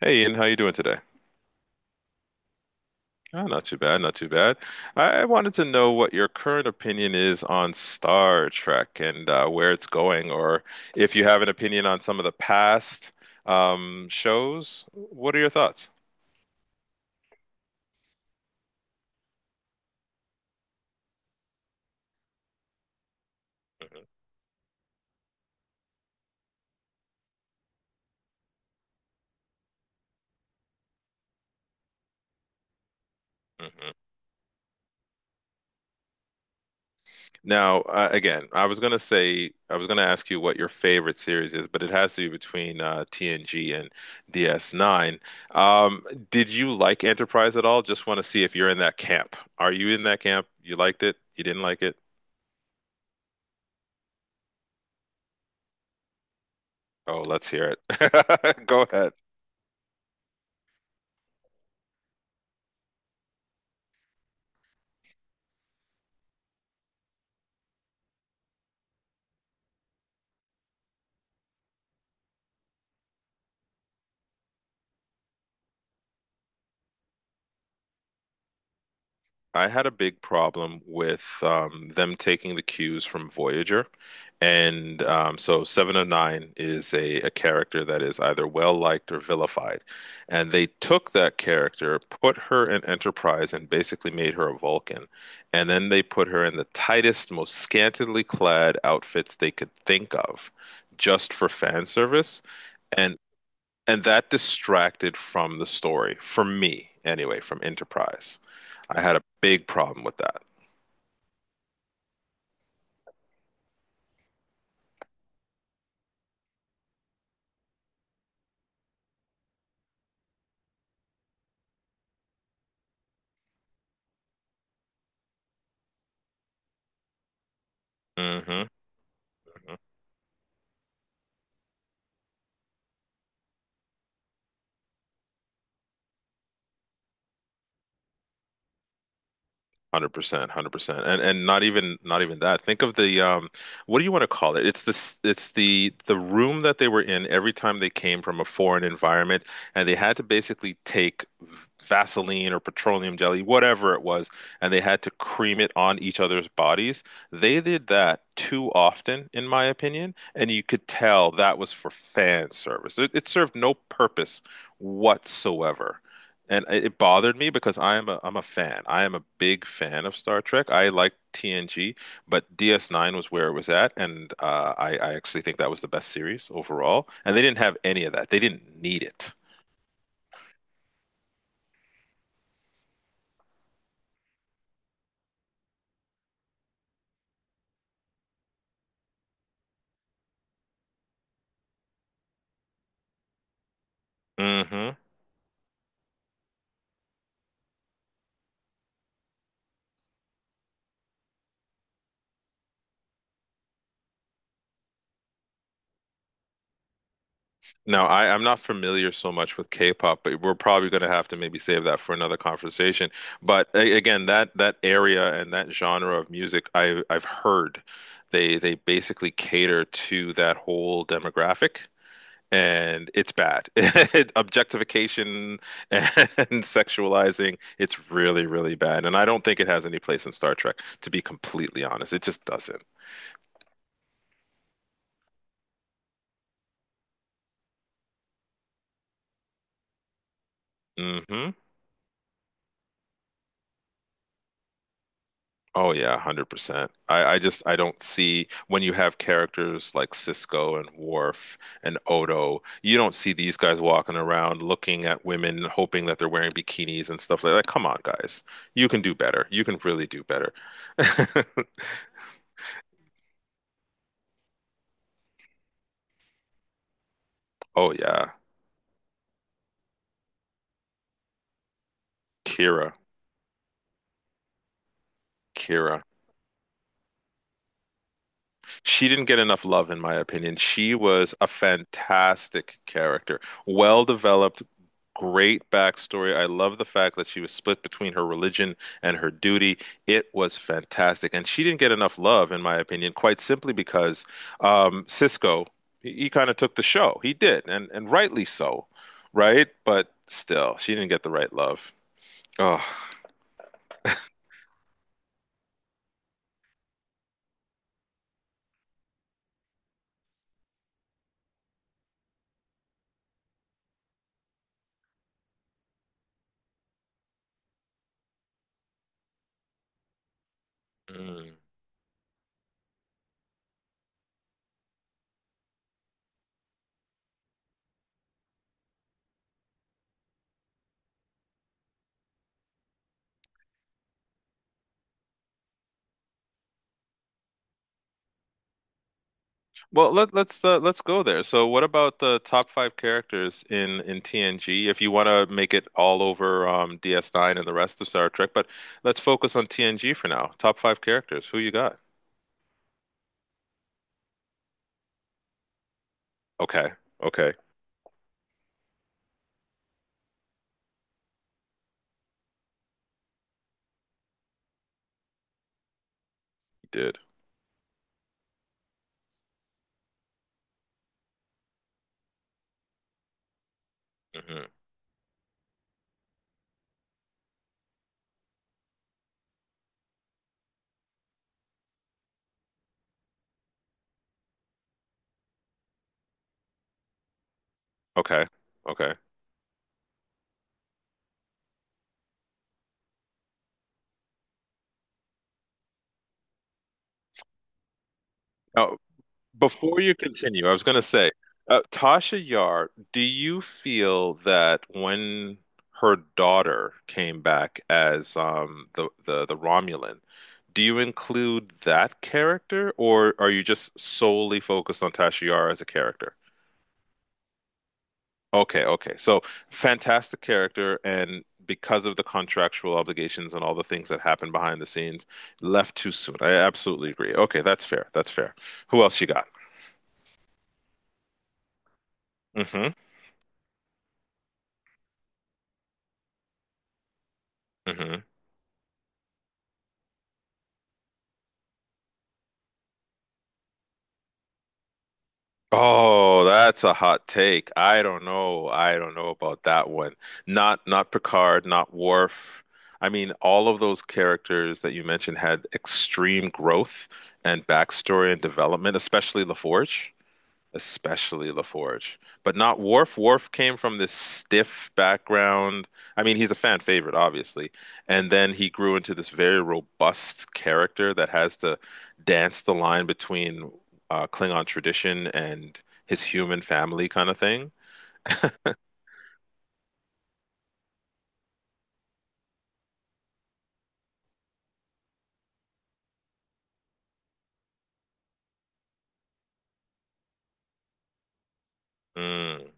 Hey, Ian, how you doing today? Oh, not too bad, not too bad. I wanted to know what your current opinion is on Star Trek and where it's going, or if you have an opinion on some of the past shows. What are your thoughts? Mhm. Now, again, I was gonna ask you what your favorite series is, but it has to be between TNG and DS9. Um, did you like Enterprise at all? Just want to see if you're in that camp. Are you in that camp? You liked it? You didn't like? Oh, let's hear it. Go ahead. I had a big problem with them taking the cues from Voyager. And so Seven of Nine is a character that is either well liked or vilified. And they took that character, put her in Enterprise, and basically made her a Vulcan. And then they put her in the tightest, most scantily clad outfits they could think of just for fan service. And that distracted from the story for me, anyway, from Enterprise. I had a big problem with that. Mm-hmm. 100%, 100%, and not even, not even that. Think of the what do you want to call it? It's this, it's the room that they were in every time they came from a foreign environment, and they had to basically take Vaseline or petroleum jelly, whatever it was, and they had to cream it on each other's bodies. They did that too often, in my opinion, and you could tell that was for fan service. It served no purpose whatsoever. And it bothered me because I'm a fan. I am a big fan of Star Trek. I like TNG, but DS9 was where it was at, and I actually think that was the best series overall. And they didn't have any of that. They didn't need it. Hmm. Now, I'm not familiar so much with K-pop, but we're probably going to have to maybe save that for another conversation. But again, that area and that genre of music, I've heard they basically cater to that whole demographic. And it's bad. Objectification and sexualizing, it's really, really bad. And I don't think it has any place in Star Trek, to be completely honest. It just doesn't. Hmm. Oh yeah, 100%. I just I don't see, when you have characters like Cisco and Worf and Odo, you don't see these guys walking around looking at women hoping that they're wearing bikinis and stuff like that. Come on, guys. You can do better. You can really do better. Oh yeah. Kira. Kira. She didn't get enough love, in my opinion. She was a fantastic character, well developed, great backstory. I love the fact that she was split between her religion and her duty. It was fantastic. And she didn't get enough love, in my opinion, quite simply because Cisco, he kind of took the show. He did, and rightly so, right? But still, she didn't get the right love. Oh. Well, let's go there. So, what about the top five characters in TNG? If you want to make it all over DS9 and the rest of Star Trek, but let's focus on TNG for now. Top five characters. Who you got? Okay, okay, you did. Hmm. Okay, okay. Now, before you continue, I was going to say, Tasha Yar, do you feel that when her daughter came back as the, the Romulan, do you include that character, or are you just solely focused on Tasha Yar as a character? Okay, okay. So fantastic character, and because of the contractual obligations and all the things that happened behind the scenes, left too soon. I absolutely agree. Okay, that's fair. That's fair. Who else you got? Hmm. Hmm. Oh, that's a hot take. I don't know. I don't know about that one. Not not Picard, not Worf. I mean, all of those characters that you mentioned had extreme growth and backstory and development, especially LaForge, especially LaForge, but not Worf. Worf came from this stiff background. I mean, he's a fan favorite, obviously, and then he grew into this very robust character that has to dance the line between Klingon tradition and his human family kind of thing. Mm-hmm.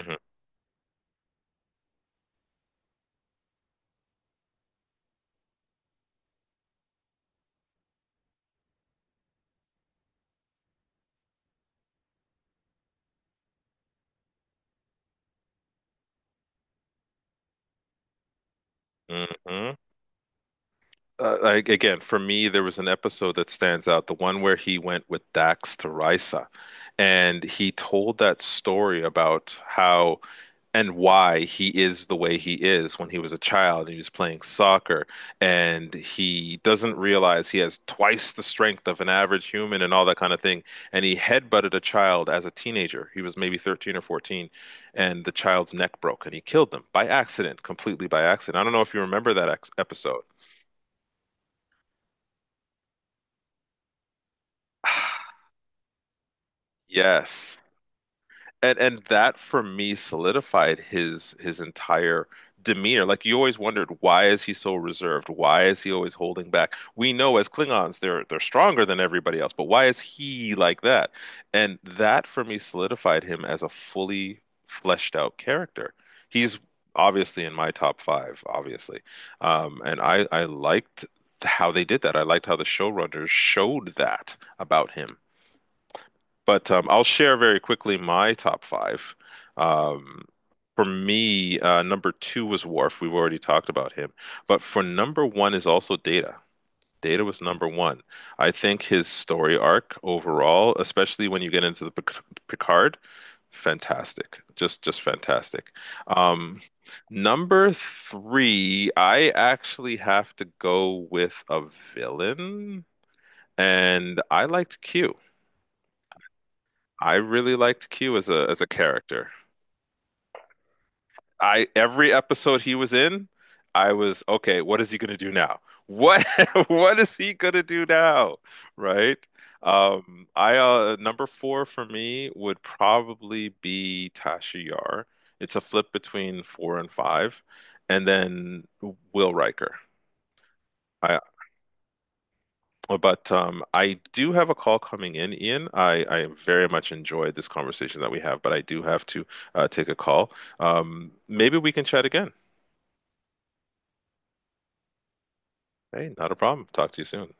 Mm-hmm. Mm-hmm. Like again, for me, there was an episode that stands out, the one where he went with Dax to Risa, and he told that story about how and why he is the way he is when he was a child and he was playing soccer, and he doesn't realize he has twice the strength of an average human and all that kind of thing. And he headbutted a child as a teenager. He was maybe 13 or 14, and the child's neck broke, and he killed them by accident, completely by accident. I don't know if you remember that ex episode. Yes. And that for me solidified his entire demeanor. Like you always wondered, why is he so reserved? Why is he always holding back? We know as Klingons they're stronger than everybody else, but why is he like that? And that for me solidified him as a fully fleshed out character. He's obviously in my top five, obviously. And I liked how they did that. I liked how the showrunners showed that about him. But I'll share very quickly my top five. Um, for me, number two was Worf. We've already talked about him. But for number one is also Data. Data was number one. I think his story arc overall, especially when you get into the Picard, fantastic. Just fantastic. Um, number three, I actually have to go with a villain, and I liked Q. I really liked Q as a character. I every episode he was in, I was okay, what is he going to do now? What what is he going to do now? Right? I number 4 for me would probably be Tasha Yar. It's a flip between 4 and 5, and then Will Riker. I Well, but I do have a call coming in, Ian. I very much enjoyed this conversation that we have, but I do have to take a call. Maybe we can chat again. Hey, not a problem. Talk to you soon.